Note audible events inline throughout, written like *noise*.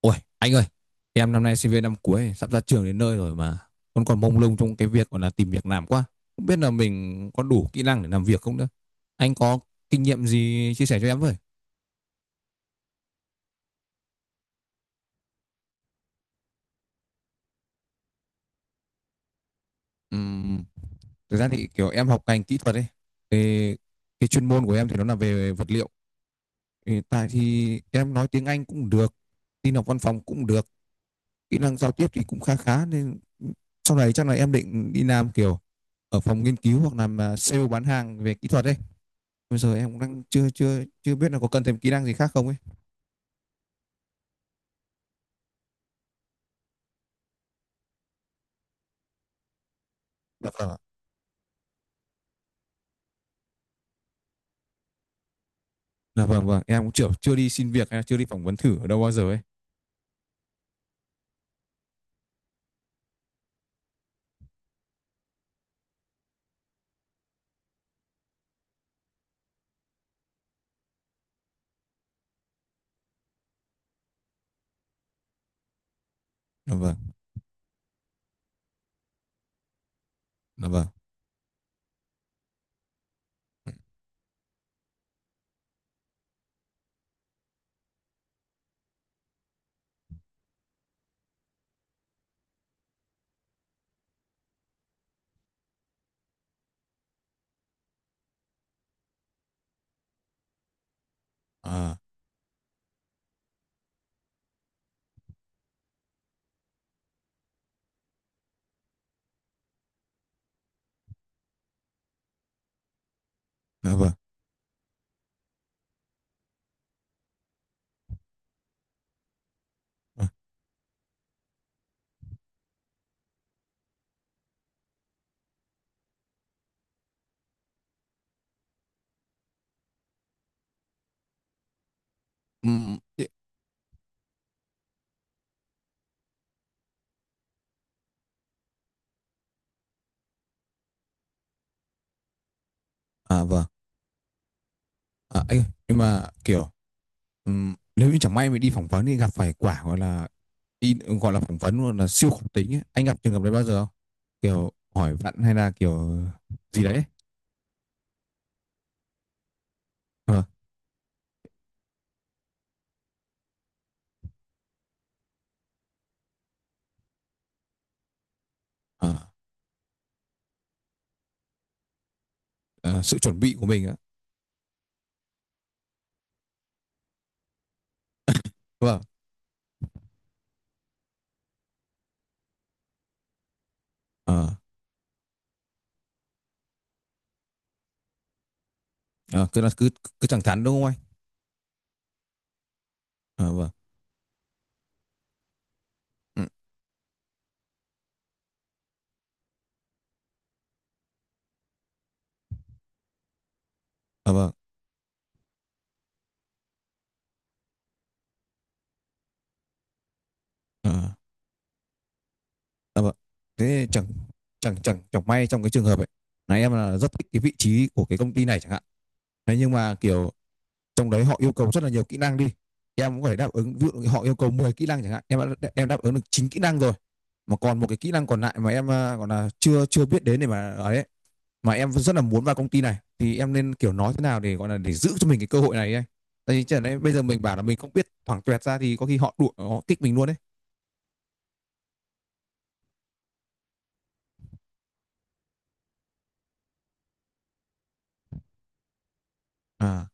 Ôi, anh ơi, em năm nay sinh viên năm cuối, sắp ra trường đến nơi rồi mà vẫn còn mông lung trong cái việc gọi là tìm việc làm quá. Không biết là mình có đủ kỹ năng để làm việc không nữa. Anh có kinh nghiệm gì chia sẻ cho em với? Ừm, Thực ra thì kiểu em học ngành kỹ thuật ấy, thì cái chuyên môn của em thì nó là về vật liệu. Thì tại thì em nói tiếng Anh cũng được, tin học văn phòng cũng được, kỹ năng giao tiếp thì cũng khá khá, nên sau này chắc là em định đi làm kiểu ở phòng nghiên cứu hoặc làm sale bán hàng về kỹ thuật ấy. Bây giờ em cũng đang chưa chưa chưa biết là có cần thêm kỹ năng gì khác không ấy. Dạ vâng ạ. Dạ vâng, vâng, em cũng chưa chưa đi xin việc hay là chưa đi phỏng vấn thử ở đâu bao giờ ấy. Dạ vâng. Dạ vâng. À. Dạ vâng. À, ừm, à vâng. À, anh ơi, nhưng mà kiểu nếu như chẳng may mình đi phỏng vấn thì gặp phải quả gọi là đi phỏng vấn luôn là siêu khủng tính ấy. Anh gặp trường hợp đấy bao giờ không? Kiểu hỏi vặn hay là kiểu gì đấy? Vâng. à, à, sự chuẩn bị của mình á. Vâng. À, à, cứ là cứ cứ thẳng thắn đúng không anh? À, vâng. Ừ. Ờ, vâng. Ờ. Ờ, vâng. Thế chẳng chẳng chẳng chẳng may trong cái trường hợp ấy là em là rất thích cái vị trí của cái công ty này chẳng hạn. Thế nhưng mà kiểu trong đấy họ yêu cầu rất là nhiều kỹ năng đi, em cũng phải đáp ứng. Ví dụ họ yêu cầu 10 kỹ năng chẳng hạn, em đáp ứng được 9 kỹ năng rồi, mà còn một cái kỹ năng còn lại mà em gọi là chưa chưa biết đến để mà ấy, mà em rất là muốn vào công ty này thì em nên kiểu nói thế nào để gọi là để giữ cho mình cái cơ hội này ấy. Tại vì chẳng lẽ bây giờ mình bảo là mình không biết thoảng tuẹt ra thì có khi họ đuổi, họ kích mình luôn đấy. À,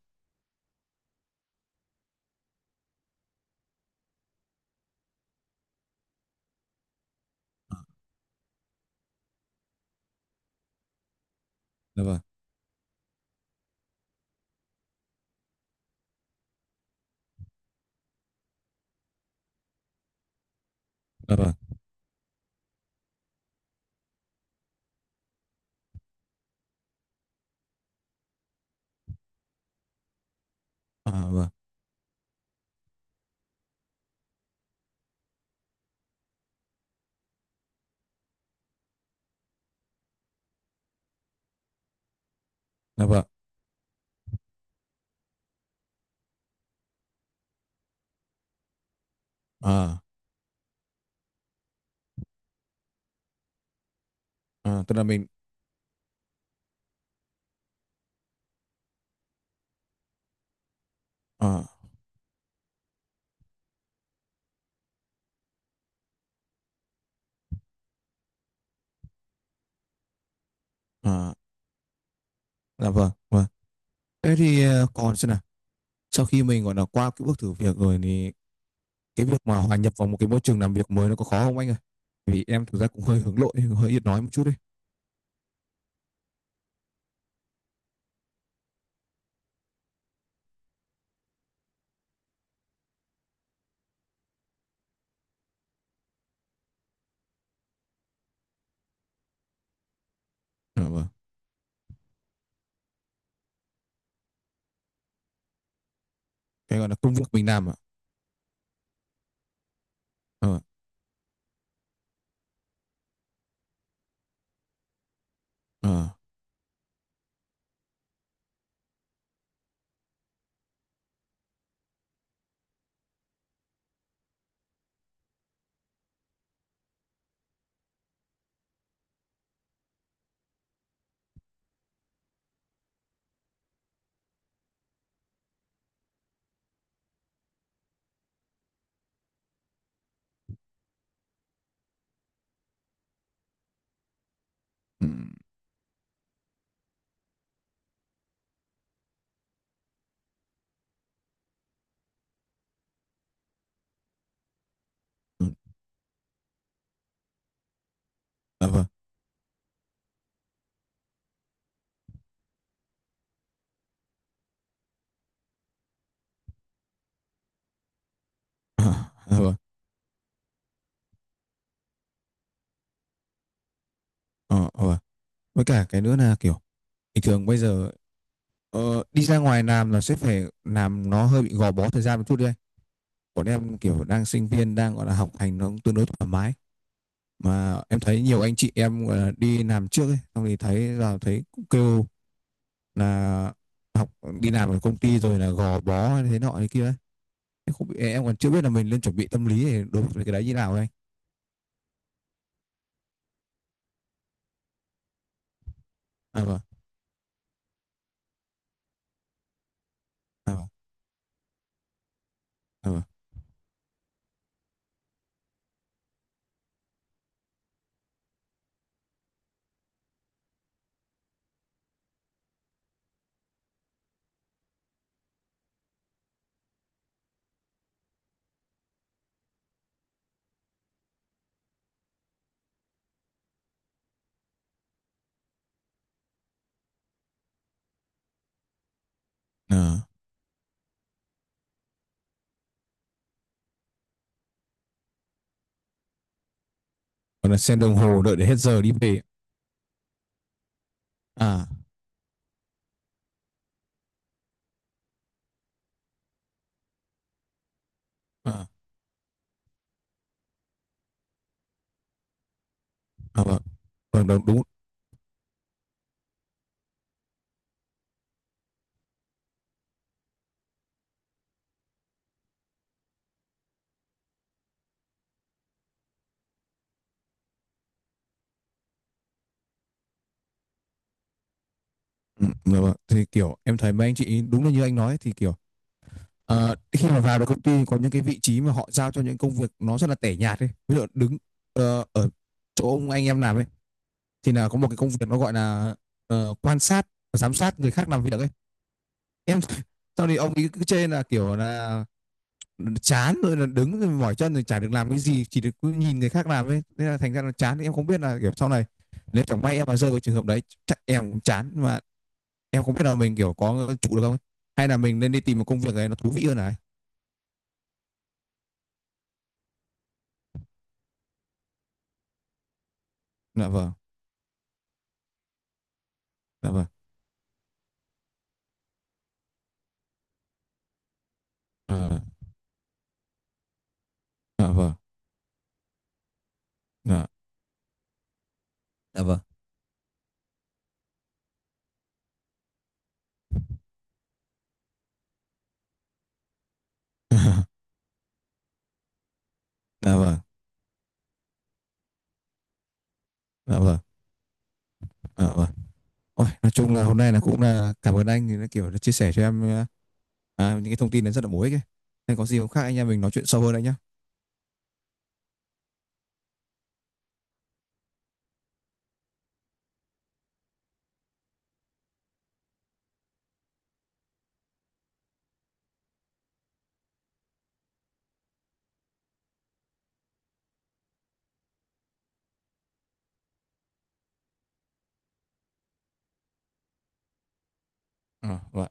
dạ vâng. Dạ vâng. À, vâng. Dạ vâng. À, à, tức là mình, à, à, dạ vâng, vâng. Thế thì còn xem nào. Sau khi mình gọi là qua cái bước thử việc rồi thì cái việc mà hòa nhập vào một cái môi trường làm việc mới nó có khó không anh ơi? Vì em thực ra cũng hơi hướng nội, hơi ít nói một chút đấy. Dạ vâng. Cái gọi là công việc mình làm ạ. Ờ. Ờ. Ừ. Ừ. Dạ vâng. À, dạ vâng. Ờ, ờ, vâng. Với cả cái nữa là kiểu bình thường bây giờ đi ra ngoài làm là sẽ phải làm, nó hơi bị gò bó thời gian một chút đấy anh. Còn em kiểu đang sinh viên, đang gọi là học hành nó cũng tương đối thoải mái, mà em thấy nhiều anh chị em đi làm trước ấy xong thì thấy là thấy cũng kêu là học đi làm ở công ty rồi là gò bó hay thế nọ thế kia ấy. Em không em còn chưa biết là mình nên chuẩn bị tâm lý để đối với cái đấy như nào ấy anh. À, vâng. À, vâng. À, vâng. À, còn là xem đồng hồ đợi để hết giờ đi về. À. À. À, vâng. Vâng, đúng, đúng. Ừ, dạ vâng, thì kiểu em thấy mấy anh chị đúng là như anh nói thì kiểu. Ờ, khi mà vào được công ty có những cái vị trí mà họ giao cho những công việc nó rất là tẻ nhạt ấy. Ví dụ đứng ở chỗ ông anh em làm ấy thì là có một cái công việc nó gọi là quan sát và giám sát người khác làm việc ấy. Em sau thì ông ấy cứ chê là kiểu là chán rồi là đứng rồi mỏi chân rồi chả được làm cái gì, chỉ được cứ nhìn người khác làm ấy. Nên là thành ra là chán, thì em không biết là kiểu sau này nếu chẳng may em mà rơi vào trường hợp đấy chắc em cũng chán, mà em không biết là mình kiểu có trụ được không ấy. Hay là mình nên đi tìm một công việc này nó thú vị hơn này. Dạ vâng, dạ vâng. Ờ. Dạ vâng. Dạ. Dạ vâng. *laughs* Dạ vâng. Dạ vâng. Dạ vâng. Ôi, nói chung là hôm nay là cũng là cảm ơn anh thì nó kiểu là chia sẻ cho em những cái thông tin nó rất là bổ ích ấy. Nên có gì không khác anh em mình nói chuyện sâu hơn anh nhé. À, vâng.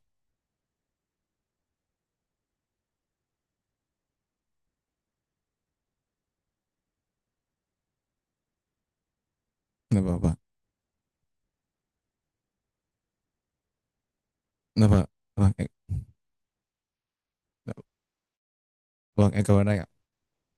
Dạ vâng. Vâng. Dạ vâng. Dạ vâng. Dạ vâng, em cảm ơn anh ạ.